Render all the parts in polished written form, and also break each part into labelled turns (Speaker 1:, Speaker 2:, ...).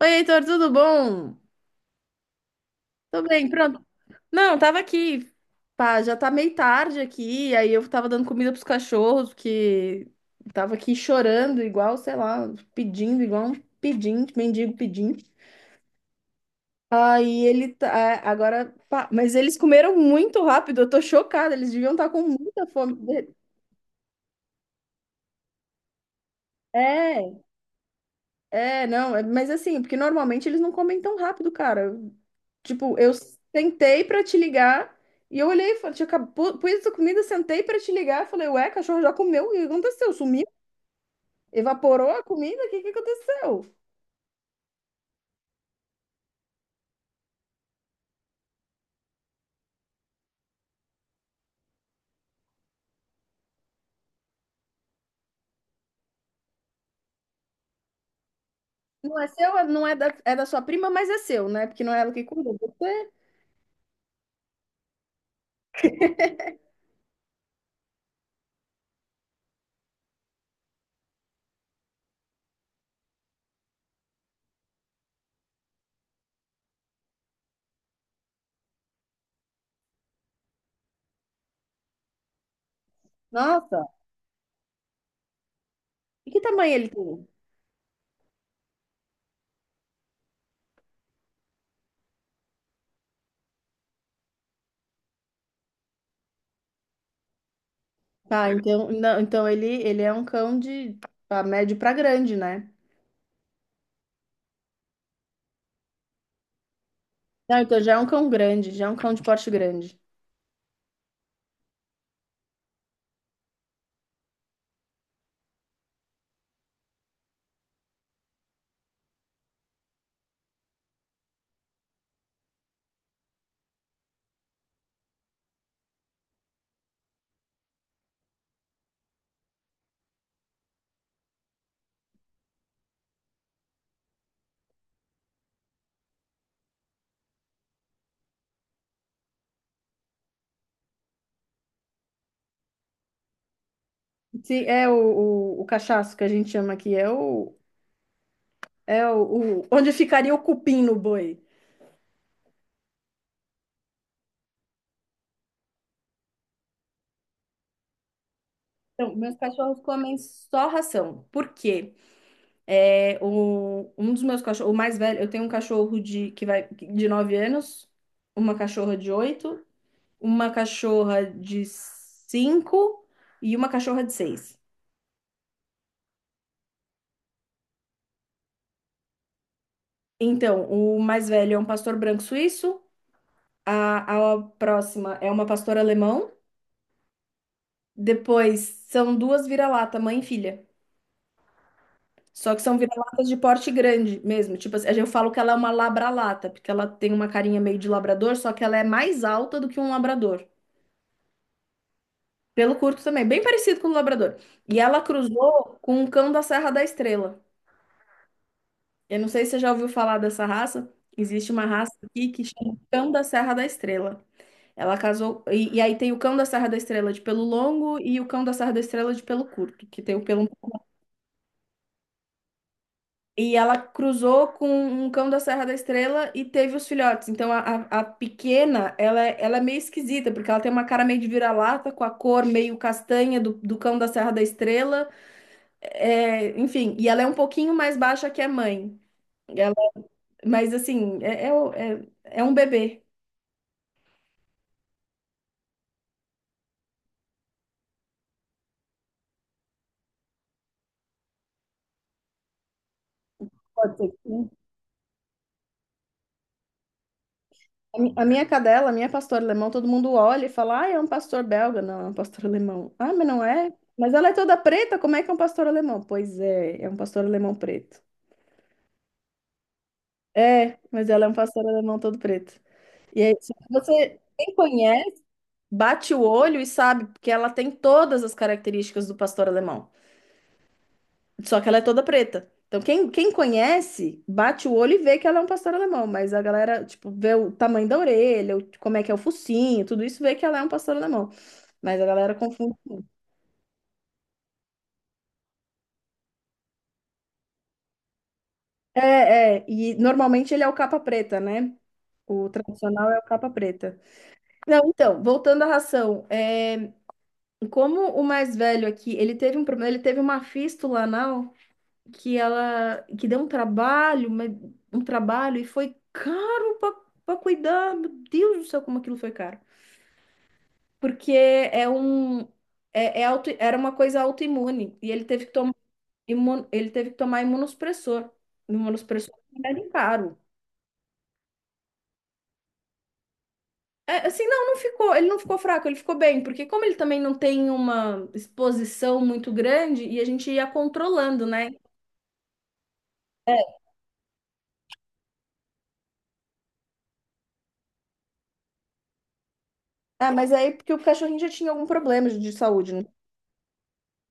Speaker 1: Oi, Heitor, tudo bom? Tô bem, pronto. Não, tava aqui. Pá, já tá meio tarde aqui, aí eu tava dando comida pros cachorros, que tava aqui chorando igual, sei lá, pedindo, igual um pedinte, mendigo pedindo. Aí ele tá, ah, agora, pá, mas eles comeram muito rápido, eu tô chocada, eles deviam estar com muita fome. É, é, não, mas assim, porque normalmente eles não comem tão rápido, cara. Tipo, eu sentei pra te ligar e eu olhei, e falei, tinha pus a comida, sentei pra te ligar, falei, ué, cachorro já comeu, o que aconteceu? Sumiu? Evaporou a comida? O que que aconteceu? Não é seu, não é da, é da sua prima, mas é seu, né? Porque não é ela que cuidou, você. Nossa, e que tamanho ele tem? Ah, então, não, então ele é um cão de pra médio pra grande, né? Não, então já é um cão grande, já é um cão de porte grande. Sim, é o cachaço que a gente chama aqui, é o onde ficaria o cupim no boi. Então, meus cachorros comem só ração. Por quê? É, um dos meus cachorros, o mais velho, eu tenho um cachorro de, que vai, de 9 anos, uma cachorra de oito, uma cachorra de 5 e uma cachorra de seis. Então, o mais velho é um pastor branco suíço, a próxima é uma pastora alemão, depois são duas vira-lata, mãe e filha. Só que são vira-latas de porte grande mesmo. Tipo assim, eu falo que ela é uma labralata, porque ela tem uma carinha meio de labrador, só que ela é mais alta do que um labrador. Pelo curto também, bem parecido com o labrador. E ela cruzou com um cão da Serra da Estrela. Eu não sei se você já ouviu falar dessa raça. Existe uma raça aqui que chama cão da Serra da Estrela. Ela casou. E aí tem o cão da Serra da Estrela de pelo longo e o cão da Serra da Estrela de pelo curto, que tem o pelo um. E ela cruzou com um cão da Serra da Estrela e teve os filhotes. Então a pequena, ela é meio esquisita, porque ela tem uma cara meio de vira-lata, com a cor meio castanha do cão da Serra da Estrela. É, enfim, e ela é um pouquinho mais baixa que a mãe. Ela, mas assim, é um bebê. Pode ser que sim. A minha cadela, a minha pastora alemão, todo mundo olha e fala: Ah, é um pastor belga. Não, é um pastor alemão. Ah, mas não é? Mas ela é toda preta, como é que é um pastor alemão? Pois é, é um pastor alemão preto. É, mas ela é um pastor alemão todo preto. E aí, se você quem conhece, bate o olho e sabe, porque ela tem todas as características do pastor alemão. Só que ela é toda preta. Então, quem conhece, bate o olho e vê que ela é um pastor alemão. Mas a galera, tipo, vê o tamanho da orelha, como é que é o focinho, tudo isso, vê que ela é um pastor alemão. Mas a galera confunde. É, é. E normalmente ele é o capa preta, né? O tradicional é o capa preta. Não, então, voltando à ração. Como o mais velho aqui, ele teve um problema, ele teve uma fístula anal que ela que deu um trabalho, um trabalho e foi caro para cuidar. Meu Deus do céu, como aquilo foi caro. Porque é um era uma coisa autoimune e ele teve que tomar imunossupressor. Imunossupressor é um remédio caro. É, assim, não, não ficou, ele não ficou fraco, ele ficou bem, porque como ele também não tem uma exposição muito grande e a gente ia controlando, né? Ah, mas aí porque o cachorrinho já tinha algum problema de saúde, né?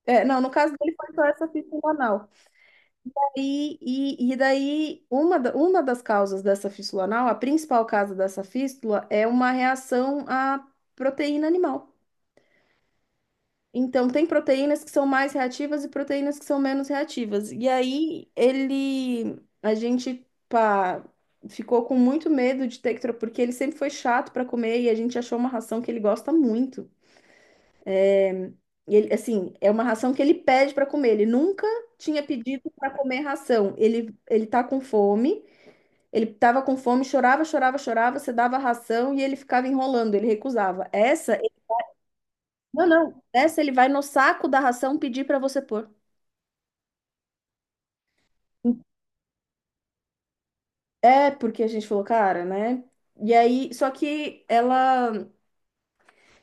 Speaker 1: É, não, no caso dele foi só essa fístula anal. E, e daí, uma das causas dessa fístula anal, a principal causa dessa fístula, é uma reação à proteína animal. Então, tem proteínas que são mais reativas e proteínas que são menos reativas. E aí, a gente, pá, ficou com muito medo de ter que, porque ele sempre foi chato para comer e a gente achou uma ração que ele gosta muito. E ele, assim, é uma ração que ele pede para comer. Ele nunca tinha pedido para comer ração. Ele tá com fome, ele tava com fome, chorava, chorava, chorava. Você dava ração e ele ficava enrolando, ele recusava. Essa, não, não. Essa ele vai no saco da ração pedir para você pôr. É, porque a gente falou, cara, né? E aí,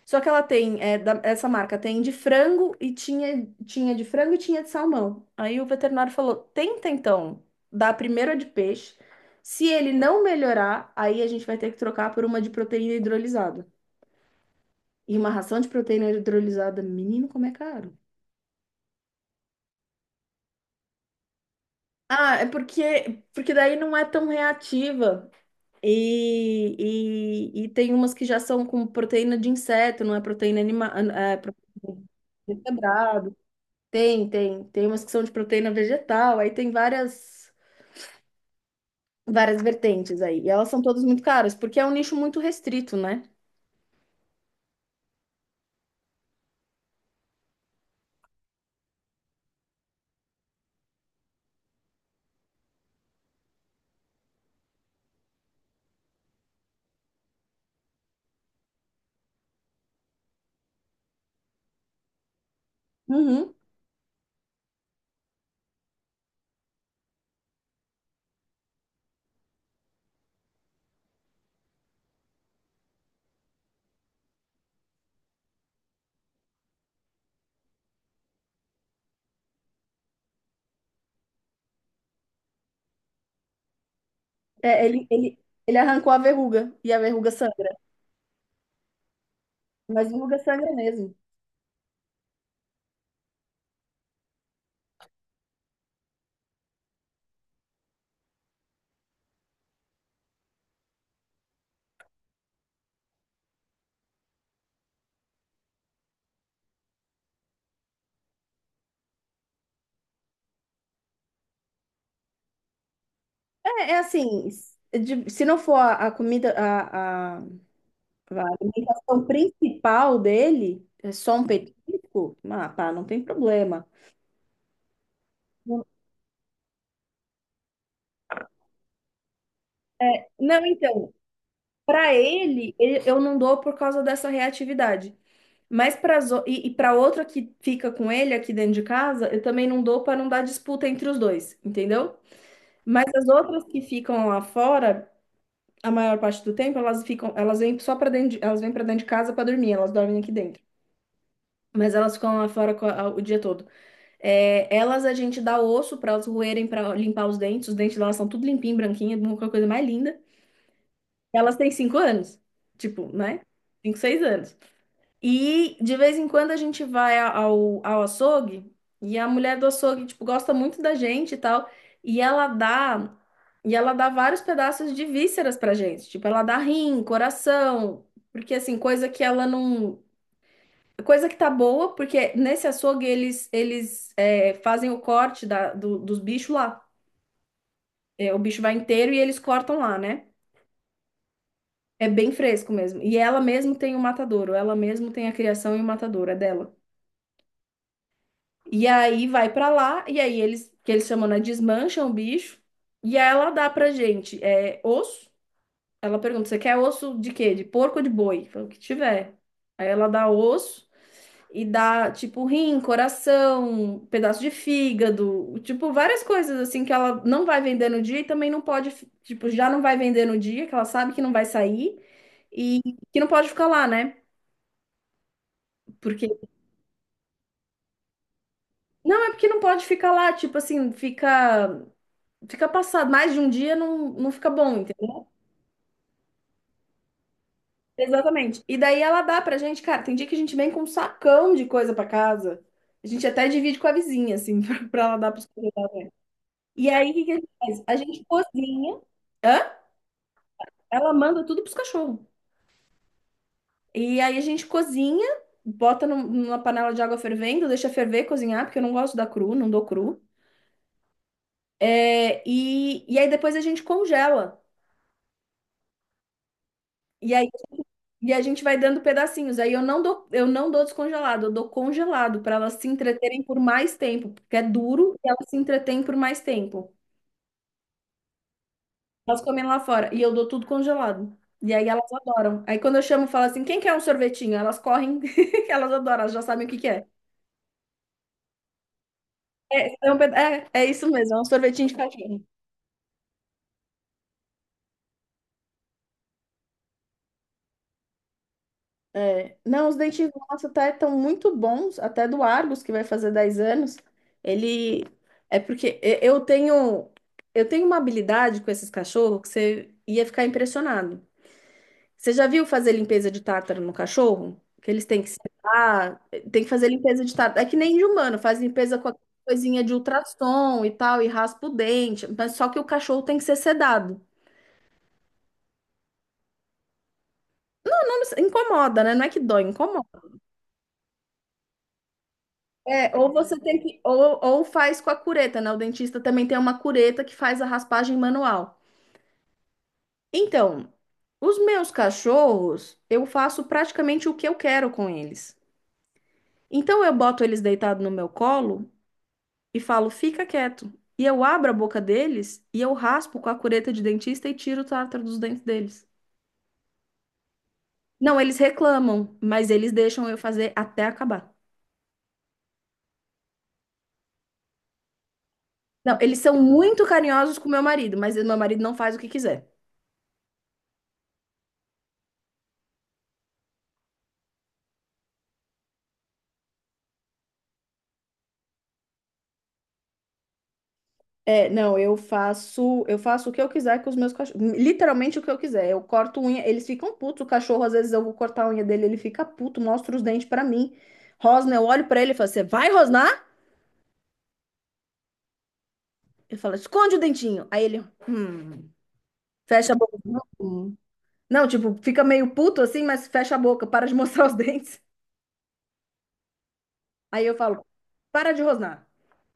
Speaker 1: só que ela tem, essa marca tem de frango e tinha de frango e tinha de salmão. Aí o veterinário falou: tenta então dar primeiro a de peixe. Se ele não melhorar, aí a gente vai ter que trocar por uma de proteína hidrolisada. E uma ração de proteína hidrolisada, menino, como é caro. Ah, é porque daí não é tão reativa. E tem umas que já são com proteína de inseto, não é proteína animal, é proteína. Tem umas que são de proteína vegetal, aí tem várias vertentes aí. E elas são todas muito caras, porque é um nicho muito restrito, né? Uhum. É, ele arrancou a verruga e a verruga sangra, mas verruga sangra mesmo. É, é assim, se não for a comida, a alimentação principal dele, é só um petisco, ah, pá, não tem problema. Não, é, não, então, para ele, eu não dou por causa dessa reatividade. Mas para e para outra que fica com ele aqui dentro de casa, eu também não dou para não dar disputa entre os dois, entendeu? Mas as outras que ficam lá fora, a maior parte do tempo, elas ficam, elas vêm só para dentro, elas vêm para dentro de casa para dormir, elas dormem aqui dentro. Mas elas ficam lá fora o dia todo. É, elas a gente dá osso para elas roerem para limpar os dentes. Os dentes delas são tudo limpinho, branquinho, uma coisa mais linda. Elas têm 5 anos, tipo, né? 5, 6 anos. E de vez em quando a gente vai ao açougue e a mulher do açougue, tipo, gosta muito da gente e tal, e ela dá e ela dá vários pedaços de vísceras pra gente, tipo, ela dá rim, coração, porque assim, coisa que ela não coisa que tá boa, porque nesse açougue eles fazem o corte dos bichos lá. É, o bicho vai inteiro e eles cortam lá, né? É bem fresco mesmo. E ela mesmo tem o matadouro, ela mesmo tem a criação e o matadouro, é dela. E aí vai pra lá, e aí eles, que eles chamam, né, desmancham o bicho, e aí ela dá pra gente osso. Ela pergunta, você quer osso de quê? De porco ou de boi? Fala, o que tiver. Aí ela dá osso e dá, tipo, rim, coração, pedaço de fígado, tipo, várias coisas, assim, que ela não vai vender no dia e também não pode, tipo, já não vai vender no dia, que ela sabe que não vai sair e que não pode ficar lá, né? Porque, não, é porque não pode ficar lá, tipo assim, Fica passado, mais de um dia não fica bom, entendeu? Exatamente. E daí ela dá pra gente, cara, tem dia que a gente vem com um sacão de coisa pra casa. A gente até divide com a vizinha, assim, pra ela dar pros cachorros. E aí, o que que a gente faz? A gente cozinha, hã? Ela manda tudo pros cachorros. E aí a gente cozinha, bota numa panela de água fervendo, deixa ferver, cozinhar, porque eu não gosto da cru, não dou cru. É, e aí depois a gente congela. e aí E a gente vai dando pedacinhos. Aí eu não dou descongelado, eu dou congelado para elas se entreterem por mais tempo, porque é duro e elas se entretêm por mais tempo. Elas comem lá fora e eu dou tudo congelado. E aí elas adoram. Aí quando eu chamo, falo assim: quem quer um sorvetinho? Elas correm, elas adoram, elas já sabem o que que é. É, é isso mesmo, é um sorvetinho de cachorro. Não, os dentinhos do nosso até estão muito bons, até do Argos, que vai fazer 10 anos. Ele é porque eu tenho uma habilidade com esses cachorros que você ia ficar impressionado. Você já viu fazer limpeza de tártaro no cachorro? Que eles têm que secar, tem que fazer limpeza de tártaro. É que nem de humano, faz limpeza com a coisinha de ultrassom e tal, e raspa o dente, mas só que o cachorro tem que ser sedado. Não, não incomoda, né? Não é que dói, incomoda. É, ou você tem que, ou faz com a cureta, né? O dentista também tem uma cureta que faz a raspagem manual. Então, os meus cachorros, eu faço praticamente o que eu quero com eles. Então, eu boto eles deitados no meu colo e falo, fica quieto. E eu abro a boca deles e eu raspo com a cureta de dentista e tiro o tártaro dos dentes deles. Não, eles reclamam, mas eles deixam eu fazer até acabar. Não, eles são muito carinhosos com meu marido, mas meu marido não faz o que quiser. É, não, eu faço o que eu quiser com os meus cachorros, literalmente o que eu quiser. Eu corto unha, eles ficam putos, o cachorro às vezes eu vou cortar a unha dele, ele fica puto, mostra os dentes pra mim. Rosna, eu olho pra ele e falo: "Você vai rosnar?" Eu falo: "Esconde o dentinho". Aí ele, hum, fecha a boca. Hum. Não, tipo, fica meio puto assim, mas fecha a boca, para de mostrar os dentes. Aí eu falo, para de rosnar.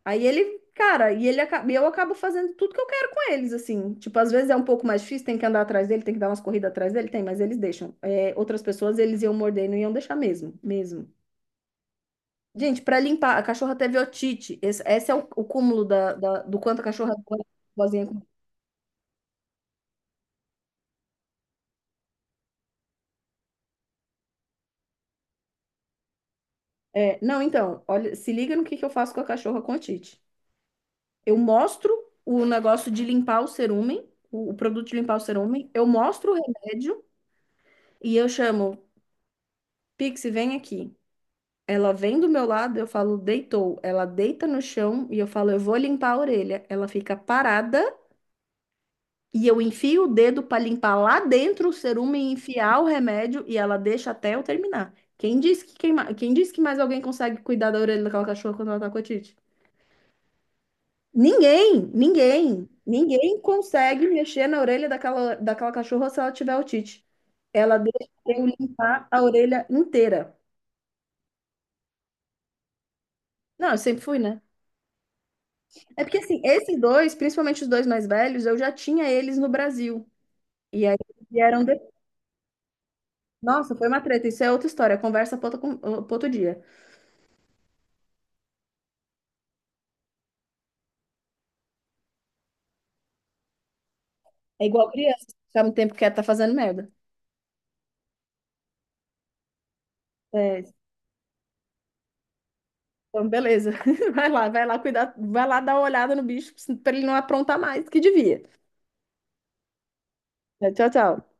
Speaker 1: Aí ele, cara, e eu acabo fazendo tudo que eu quero com eles, assim. Tipo, às vezes é um pouco mais difícil, tem que andar atrás dele, tem que dar umas corridas atrás dele, tem, mas eles deixam. É, outras pessoas, eles iam morder e não iam deixar mesmo, mesmo. Gente, para limpar, a cachorra teve otite. Esse é o cúmulo do quanto a cachorra é boazinha É, não, então, olha, se liga no que eu faço com a cachorra com otite. Eu mostro o negócio de limpar o cerúmen, o produto de limpar o cerúmen, eu mostro o remédio e eu chamo. Pixie, vem aqui. Ela vem do meu lado, eu falo, deitou. Ela deita no chão e eu falo, eu vou limpar a orelha. Ela fica parada e eu enfio o dedo pra limpar lá dentro o cerume e enfiar o remédio e ela deixa até eu terminar. Quem disse quem disse que mais alguém consegue cuidar da orelha daquela cachorra quando ela tá com otite? Ninguém, ninguém, ninguém consegue mexer na orelha daquela cachorra se ela tiver otite. Ela deixa eu limpar a orelha inteira. Não, eu sempre fui, né? É porque assim, esses dois, principalmente os dois mais velhos, eu já tinha eles no Brasil. E aí eles vieram de. Nossa, foi uma treta. Isso é outra história. Conversa pra outro dia. É igual criança. Ficar um tempo quieto tá fazendo merda. É, então, beleza. Vai lá cuidar. Vai lá dar uma olhada no bicho pra ele não aprontar mais que devia. É, tchau, tchau.